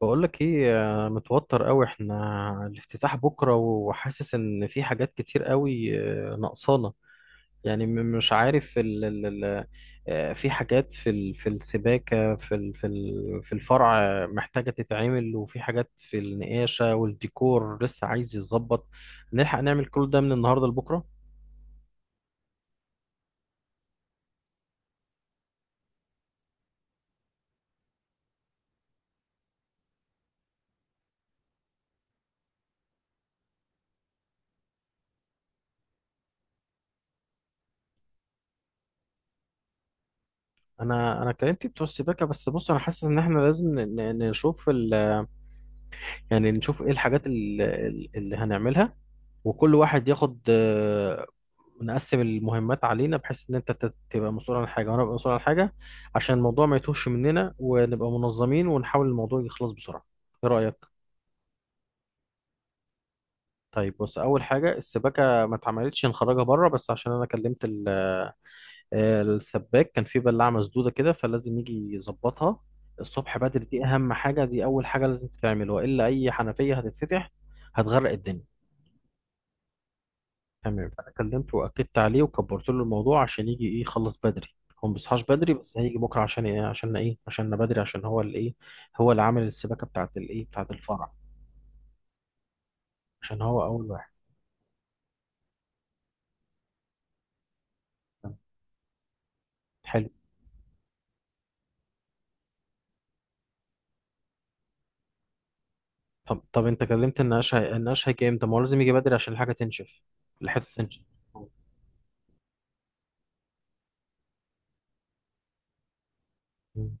بقول لك ايه. متوتر قوي احنا. الافتتاح بكره، وحاسس ان في حاجات كتير قوي، ناقصانا. يعني مش عارف ال ال ال آه، في حاجات في السباكه، في الفرع، محتاجه تتعمل، وفي حاجات في النقاشه والديكور لسه عايز يتظبط. نلحق نعمل كل ده من النهارده لبكره؟ انا كلمت بتوع السباكه، بس بص، انا حاسس ان احنا لازم نشوف. يعني نشوف ايه الحاجات اللي هنعملها، وكل واحد ياخد نقسم المهمات علينا، بحيث ان انت تبقى مسؤول عن حاجه وانا ابقى مسؤول عن حاجه، عشان الموضوع ما يتوهش مننا، ونبقى منظمين، ونحاول الموضوع يخلص بسرعه. ايه رايك؟ طيب بص، اول حاجه السباكه ما اتعملتش، نخرجها بره، بس عشان انا كلمت السباك. كان في بلاعه مسدوده كده فلازم يجي يظبطها الصبح بدري. دي اهم حاجه، دي اول حاجه لازم تتعمل، والا اي حنفيه هتتفتح هتغرق الدنيا. تمام، انا كلمته واكدت عليه وكبرت له الموضوع عشان يجي ايه، يخلص بدري. هو ما بيصحاش بدري، بس هيجي بكره. عشان ايه؟ عشان ايه؟ عشان بدري، عشان هو اللي ايه، هو اللي عامل السباكه بتاعت الايه بتاعت الفرع، عشان هو اول واحد. تمام. حلو. طب، انت كلمت النقاش. النقاش هيجي امتى؟ ما هو لازم يجي بدري عشان الحاجه تنشف، الحته تنشف. مم.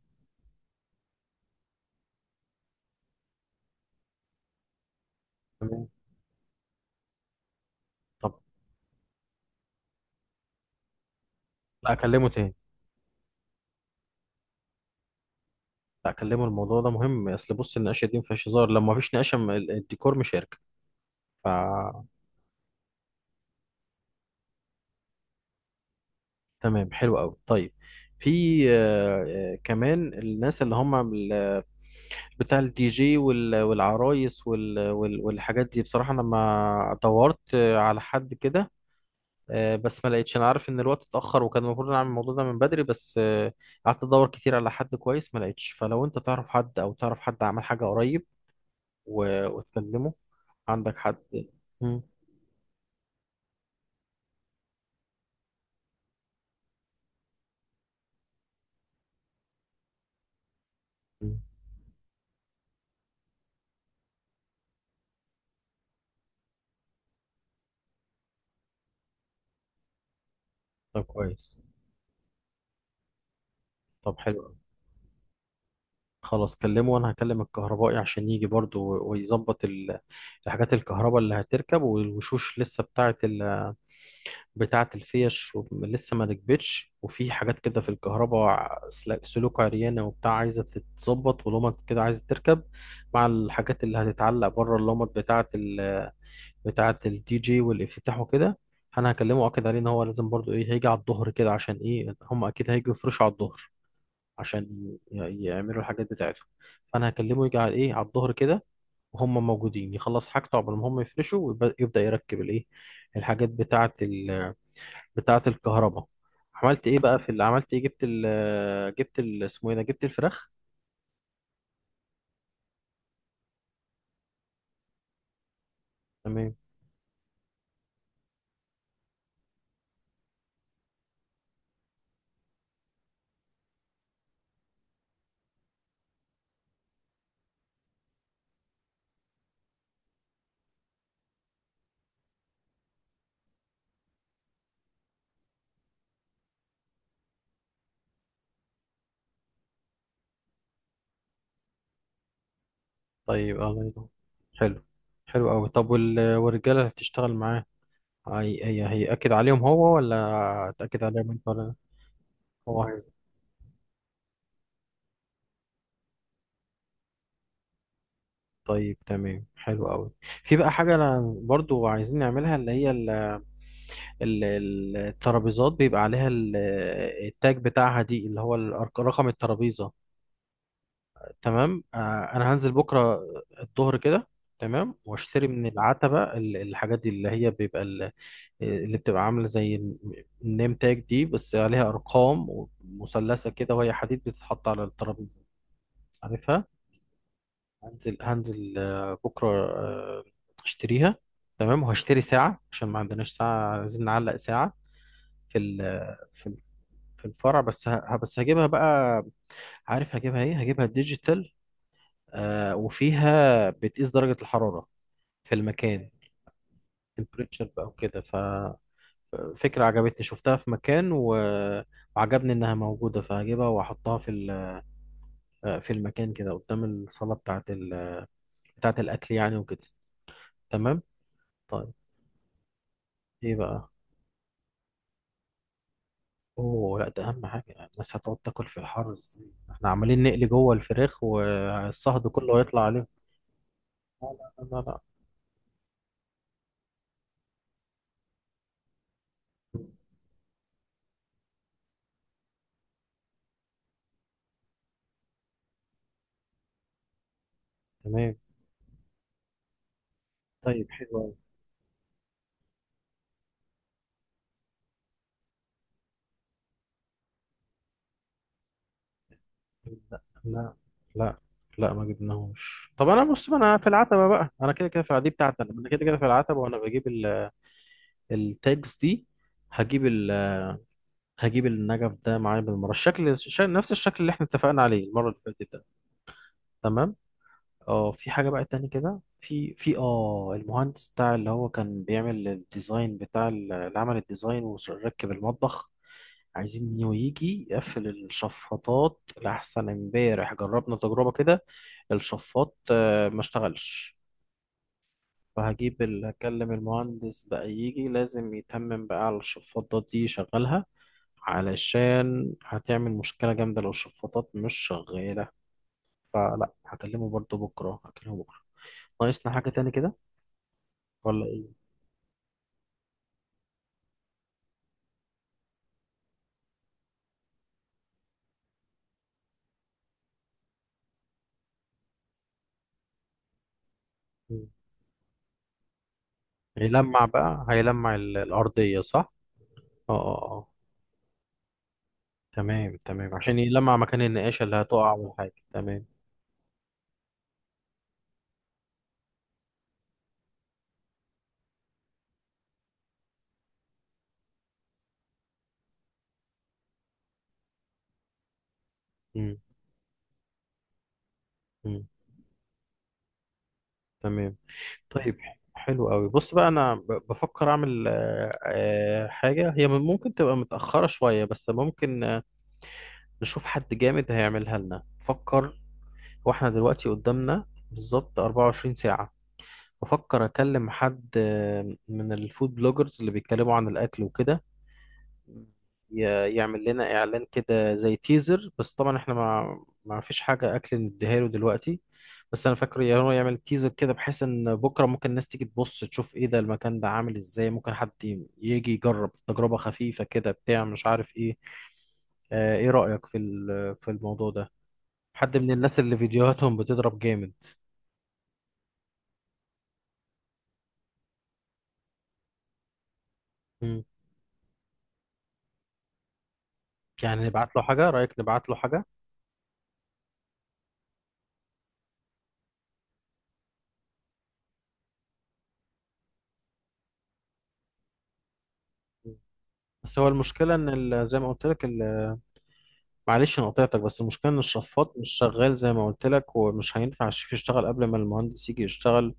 تمام. طب. لا اكلمه تاني. لا اكلمه، الموضوع ده مهم. اصل بص، النقاشه دي ما فيهاش هزار، لما ما فيش نقاشه الديكور مش هيركب ف تمام. حلو قوي. طيب، في كمان الناس اللي هم بتاع الدي جي والعرايس والحاجات دي. بصراحة انا ما دورت على حد كده، بس ما لقيتش. انا عارف ان الوقت اتأخر، وكان المفروض نعمل الموضوع ده من بدري، بس قعدت ادور كتير على حد كويس، ما لقيتش. فلو انت تعرف حد، او تعرف حد عمل حاجة قريب وتكلمه. عندك حد؟ مم. مم. طب كويس. طب حلو. خلاص، كلمه، وانا هكلم الكهربائي عشان يجي برضو ويظبط الحاجات الكهرباء اللي هتركب، والوشوش لسه بتاعه ال... بتاعه الفيش، لسه ما ركبتش، وفي حاجات كده في الكهرباء سلوك عريانه وبتاع عايزه تتظبط، ولمط كده عايزه تركب مع الحاجات اللي هتتعلق بره، اللمط بتاعه ال... بتاعه الدي جي والافتتاح وكده. انا هكلمه واكد عليه ان هو لازم برضو ايه، هيجي على الظهر كده. عشان ايه؟ هم اكيد هيجوا يفرشوا على الظهر عشان يعملوا الحاجات بتاعتهم، فانا هكلمه يجي على ايه، على الظهر كده، وهم موجودين، يخلص حاجته قبل ما هم يفرشوا ويبدا يركب الايه، الحاجات بتاعه ال... بتاعه الكهرباء. عملت ايه بقى في اللي عملت ايه؟ اسمه ايه ده، جبت الفراخ. تمام. طيب، الله ينور. حلو. حلو قوي. طب وال... والرجاله اللي هتشتغل معاه، هيأكد عليهم هو ولا تأكد عليهم انت، ولا؟ هو عايز. طيب، تمام. حلو قوي. في بقى حاجة أنا برضو عايزين نعملها، اللي هي الترابيزات بيبقى عليها التاج بتاعها دي، اللي هو رقم الترابيزة. تمام. انا هنزل بكرة الظهر كده. تمام، واشتري من العتبة الحاجات دي، اللي هي بيبقى اللي بتبقى عاملة زي النيم تاج دي، بس عليها ارقام مثلثة كده، وهي حديد بتتحط على الترابيزة. عارفها. هنزل بكرة، آه، اشتريها. تمام. وهشتري ساعة عشان ما عندناش ساعة، عايزين نعلق ساعة في ال- في في الفرع، بس هجيبها بقى. عارف هجيبها ايه؟ هجيبها ديجيتال، وفيها بتقيس درجة الحرارة في المكان، تمبريتشر بقى وكده. ففكرة عجبتني، شفتها في مكان وعجبني انها موجودة، فهجيبها واحطها في ال... في المكان كده قدام الصالة بتاعة ال... بتاعة الاكل يعني وكده. تمام. طيب. ايه بقى؟ اوه لا، ده اهم حاجة يعني. الناس هتقعد تاكل في الحر ازاي؟ احنا عمالين نقلي جوه الفراخ والصهد كله هيطلع عليهم. لا لا لا لا. تمام. طيب. حلو أوي. لا لا لا لا، ما جبناهوش. طب انا بص، ما انا في العتبه بقى، انا كده كده في دي بتاعتي، انا كده كده في العتبه، وانا بجيب التاجز دي. هجيب ال هجيب النجف ده معايا بالمره، الشكل نفس الشكل اللي احنا اتفقنا عليه المره اللي فاتت ده. تمام. اه، في حاجه بقى تاني كده، في المهندس بتاع اللي هو كان بيعمل الديزاين بتاع اللي عمل الديزاين وركب المطبخ، عايزين إنه يجي يقفل الشفاطات، لأحسن امبارح جربنا تجربة كده، الشفاط ما اشتغلش. هكلم المهندس بقى يجي، لازم يتمم بقى على الشفاطات دي، يشغلها، علشان هتعمل مشكلة جامدة لو الشفاطات مش شغالة. فلا، هكلمه برضو بكرة، هكلمه بكرة. ناقصنا حاجة تاني كده ولا ايه؟ مم. هيلمع بقى، هيلمع الأرضية، صح؟ اه اه اه. تمام تمام، عشان يلمع مكان النقاشة اللي هتقع والحاجة تمام. مم. مم. تمام. طيب. حلو قوي. بص بقى، انا بفكر اعمل حاجه، هي ممكن تبقى متاخره شويه، بس ممكن نشوف حد جامد هيعملها لنا. فكر. واحنا دلوقتي قدامنا بالظبط 24 ساعه. بفكر اكلم حد من الفود بلوجرز اللي بيتكلموا عن الاكل وكده، يعمل لنا اعلان كده زي تيزر، بس طبعا احنا ما فيش حاجه اكل نديها له دلوقتي. بس انا فاكر، يا هو يعمل تيزر كده بحيث ان بكره ممكن الناس تيجي تبص تشوف ايه ده، المكان ده عامل ازاي، ممكن حد يجي يجرب تجربه خفيفه كده، بتاع مش عارف ايه. ايه رايك في في الموضوع ده؟ حد من الناس اللي فيديوهاتهم بتضرب جامد. مم. يعني نبعت له حاجه، رايك نبعت له حاجه؟ مم. بس هو المشكله ان زي ما قلت لك، معلش، انا قطعتك، بس المشكله ان الشفاط مش شغال زي ما قلت لك، ومش هينفع الشيف يشتغل قبل ما المهندس يجي يشتغل،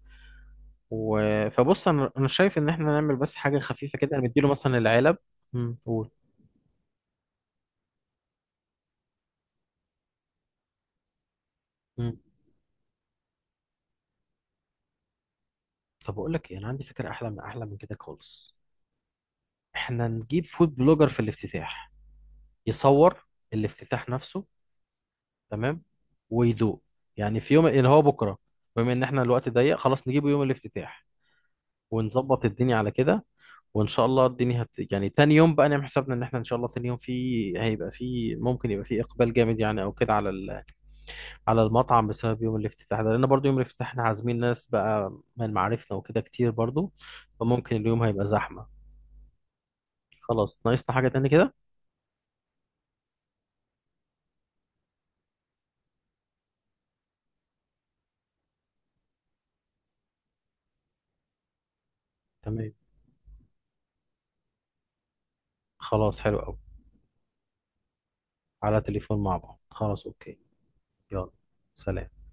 و... فبص، انا شايف ان احنا نعمل بس حاجه خفيفه كده، انا مديله مثلا العلب. قول. امم طب اقول لك ايه، انا عندي فكره احلى من كده خالص. احنا نجيب فود بلوجر في الافتتاح، يصور الافتتاح نفسه، تمام، ويدوق، يعني في يوم اللي هو بكره، بما ان احنا الوقت ضيق، خلاص نجيبه يوم الافتتاح، ونظبط الدنيا على كده. وان شاء الله الدنيا يعني تاني يوم بقى نعمل حسابنا ان احنا ان شاء الله تاني يوم في، هيبقى في، ممكن يبقى في اقبال جامد يعني، او كده على ال... على المطعم بسبب يوم الافتتاح ده، لان برضو يوم الافتتاح احنا عازمين ناس بقى من معارفنا وكده كتير برضو، فممكن اليوم هيبقى زحمة. خلاص، ناقصنا حاجة تاني كده؟ تمام. خلاص. حلو قوي. على تليفون مع بعض، خلاص، اوكي. يلا. سلام.